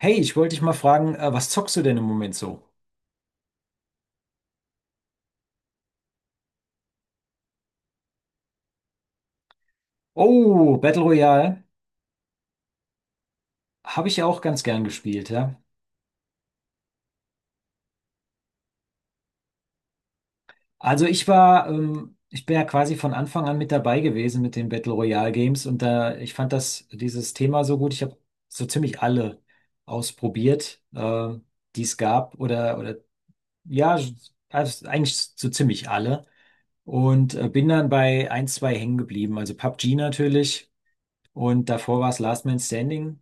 Hey, ich wollte dich mal fragen, was zockst du denn im Moment so? Oh, Battle Royale habe ich ja auch ganz gern gespielt, ja. Also ich bin ja quasi von Anfang an mit dabei gewesen mit den Battle Royale Games und da, ich fand das, dieses Thema so gut. Ich habe so ziemlich alle ausprobiert, die es gab oder ja, also eigentlich so ziemlich alle und bin dann bei ein, zwei hängen geblieben. Also PUBG natürlich und davor war es Last Man Standing.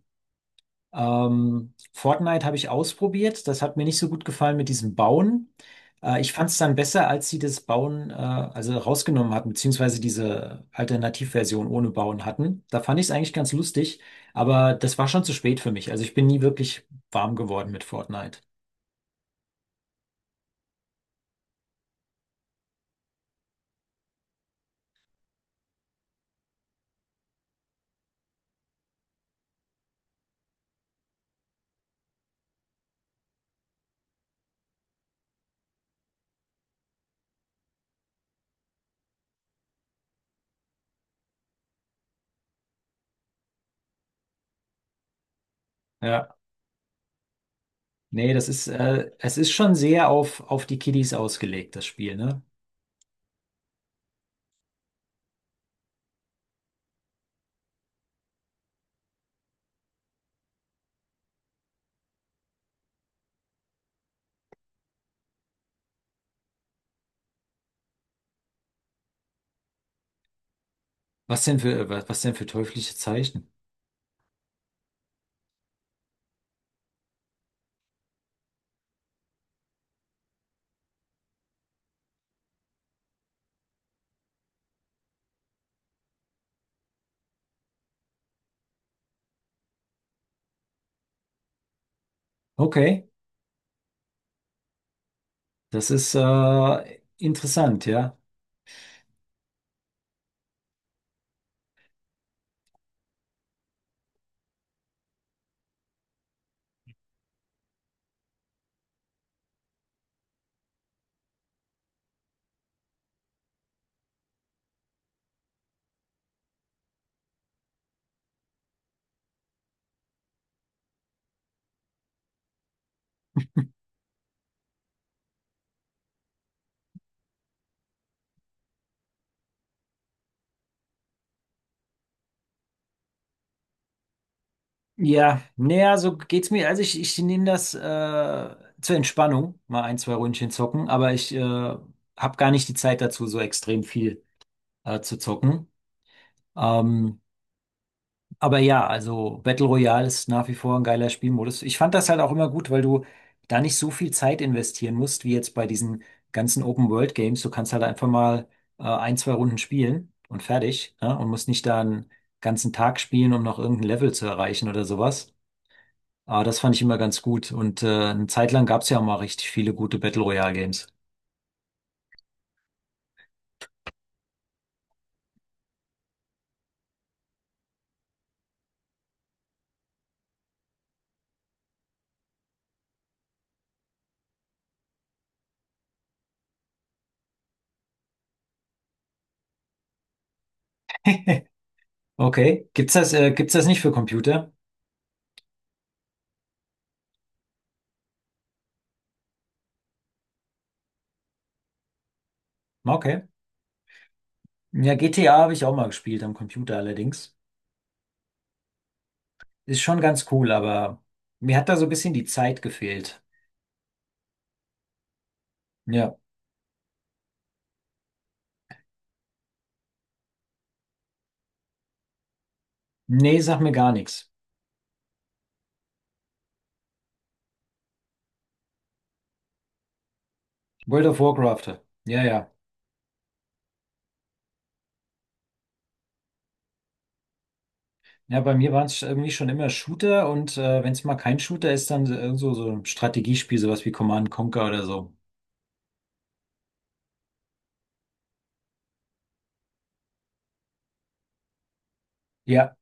Fortnite habe ich ausprobiert. Das hat mir nicht so gut gefallen mit diesem Bauen. Ich fand es dann besser, als sie das Bauen also rausgenommen hatten, beziehungsweise diese Alternativversion ohne Bauen hatten. Da fand ich es eigentlich ganz lustig, aber das war schon zu spät für mich. Also ich bin nie wirklich warm geworden mit Fortnite. Ja, nee, es ist schon sehr auf die Kiddies ausgelegt, das Spiel, ne? Was denn für, was denn für teuflische Zeichen? Okay, das ist interessant, ja. Ja, naja, so geht's mir. Also ich nehme das zur Entspannung, mal ein, zwei Ründchen zocken, aber ich habe gar nicht die Zeit dazu, so extrem viel zu zocken. Ähm, aber ja, also Battle Royale ist nach wie vor ein geiler Spielmodus. Ich fand das halt auch immer gut, weil du da nicht so viel Zeit investieren musst, wie jetzt bei diesen ganzen Open World Games. Du kannst halt einfach mal ein, zwei Runden spielen und fertig, ne? Und musst nicht da einen ganzen Tag spielen, um noch irgendein Level zu erreichen oder sowas. Aber das fand ich immer ganz gut. Und eine Zeit lang gab es ja auch mal richtig viele gute Battle Royale Games. Okay. Gibt's das nicht für Computer? Okay. Ja, GTA habe ich auch mal gespielt am Computer allerdings. Ist schon ganz cool, aber mir hat da so ein bisschen die Zeit gefehlt. Ja. Nee, sag mir gar nichts. World of Warcraft. Ja, ja. Ja, bei mir waren es irgendwie schon immer Shooter und wenn es mal kein Shooter ist, dann so ein Strategiespiel, sowas wie Command and Conquer oder so. Ja.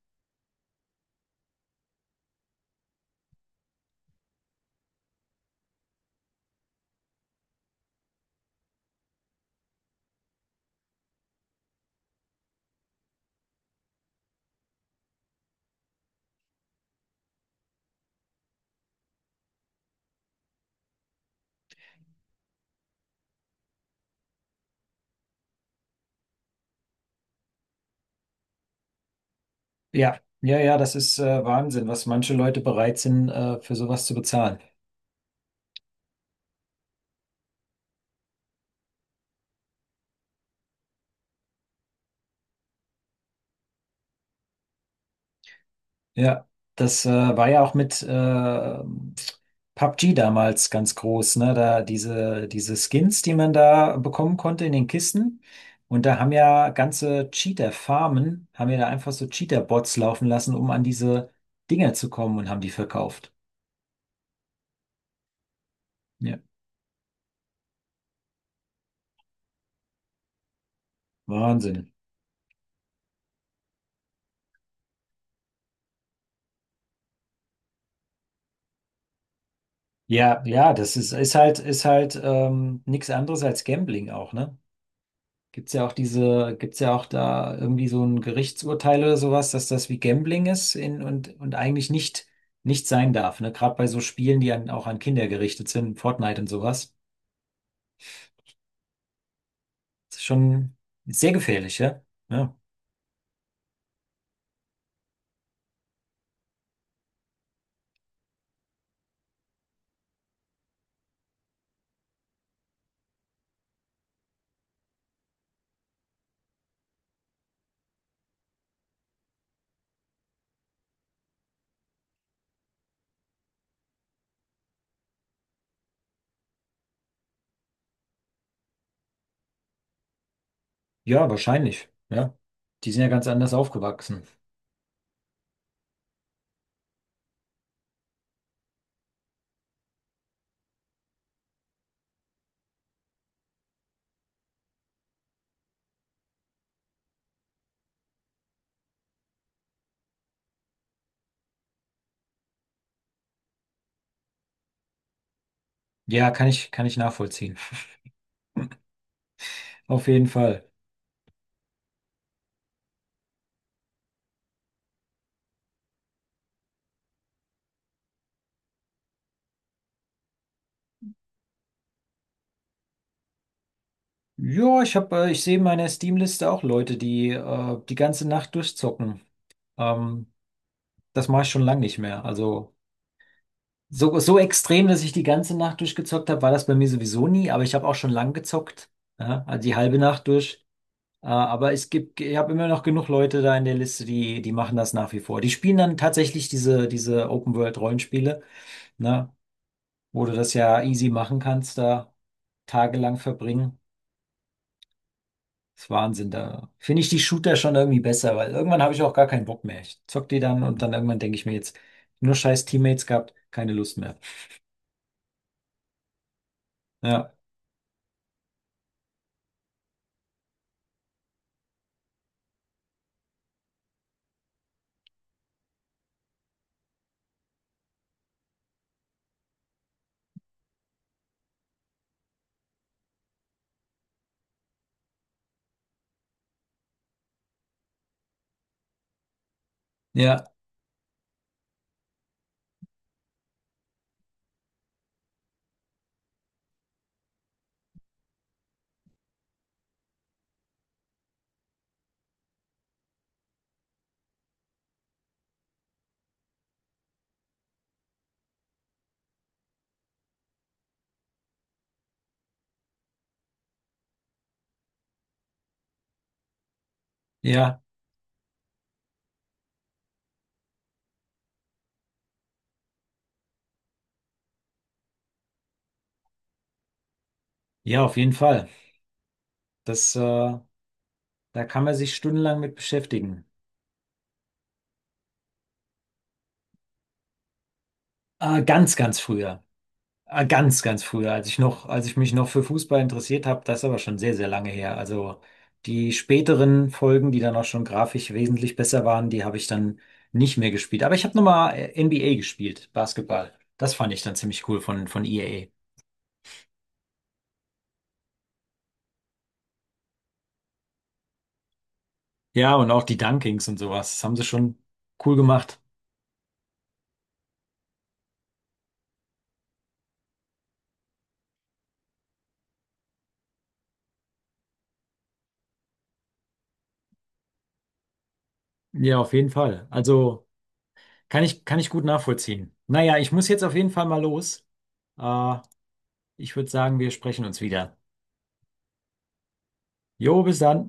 Ja, ja, ja, das ist Wahnsinn, was manche Leute bereit sind, für sowas zu bezahlen. Ja, das war ja auch mit PUBG damals ganz groß, ne? Da diese Skins, die man da bekommen konnte in den Kisten. Und da haben ja ganze Cheater-Farmen, haben ja da einfach so Cheater-Bots laufen lassen, um an diese Dinger zu kommen und haben die verkauft. Ja, Wahnsinn. Ja, ja, das ist, ist halt nichts anderes als Gambling auch, ne? Gibt's ja auch diese, gibt's ja auch da irgendwie so ein Gerichtsurteil oder sowas, dass das wie Gambling ist und eigentlich nicht sein darf, ne? Gerade bei so Spielen, die auch an Kinder gerichtet sind, Fortnite und sowas. Das ist schon sehr gefährlich, ja? Ja, ja, wahrscheinlich, ja. Die sind ja ganz anders aufgewachsen. Ja, kann ich nachvollziehen. Auf jeden Fall. Ja, ich sehe in meiner Steam-Liste auch Leute, die ganze Nacht durchzocken. Ähm, Das mache ich schon lange nicht mehr. Also. So, so extrem, dass ich die ganze Nacht durchgezockt habe, war das bei mir sowieso nie, aber ich habe auch schon lang gezockt, ja, also die halbe Nacht durch. Aber es gibt, ich habe immer noch genug Leute da in der Liste, die machen das nach wie vor. Die spielen dann tatsächlich diese Open-World-Rollenspiele, ne, wo du das ja easy machen kannst, da tagelang verbringen. Das ist Wahnsinn, da finde ich die Shooter schon irgendwie besser, weil irgendwann habe ich auch gar keinen Bock mehr. Ich zock die dann und dann irgendwann denke ich mir jetzt, nur scheiß Teammates gehabt, keine Lust mehr. Ja, ja, ja. Ja, auf jeden Fall. Das, da kann man sich stundenlang mit beschäftigen. Ganz, ganz früher. Ganz, ganz früher, als ich noch, als ich mich noch für Fußball interessiert habe, das ist aber schon sehr, sehr lange her. Also die späteren Folgen, die dann auch schon grafisch wesentlich besser waren, die habe ich dann nicht mehr gespielt. Aber ich habe nochmal NBA gespielt, Basketball. Das fand ich dann ziemlich cool von EA. Ja, und auch die Dunkings und sowas. Das haben sie schon cool gemacht. Ja, auf jeden Fall. Also. Kann ich gut nachvollziehen. Naja, ich muss jetzt auf jeden Fall mal los. Äh, Ich würde sagen, wir sprechen uns wieder. Jo, bis dann.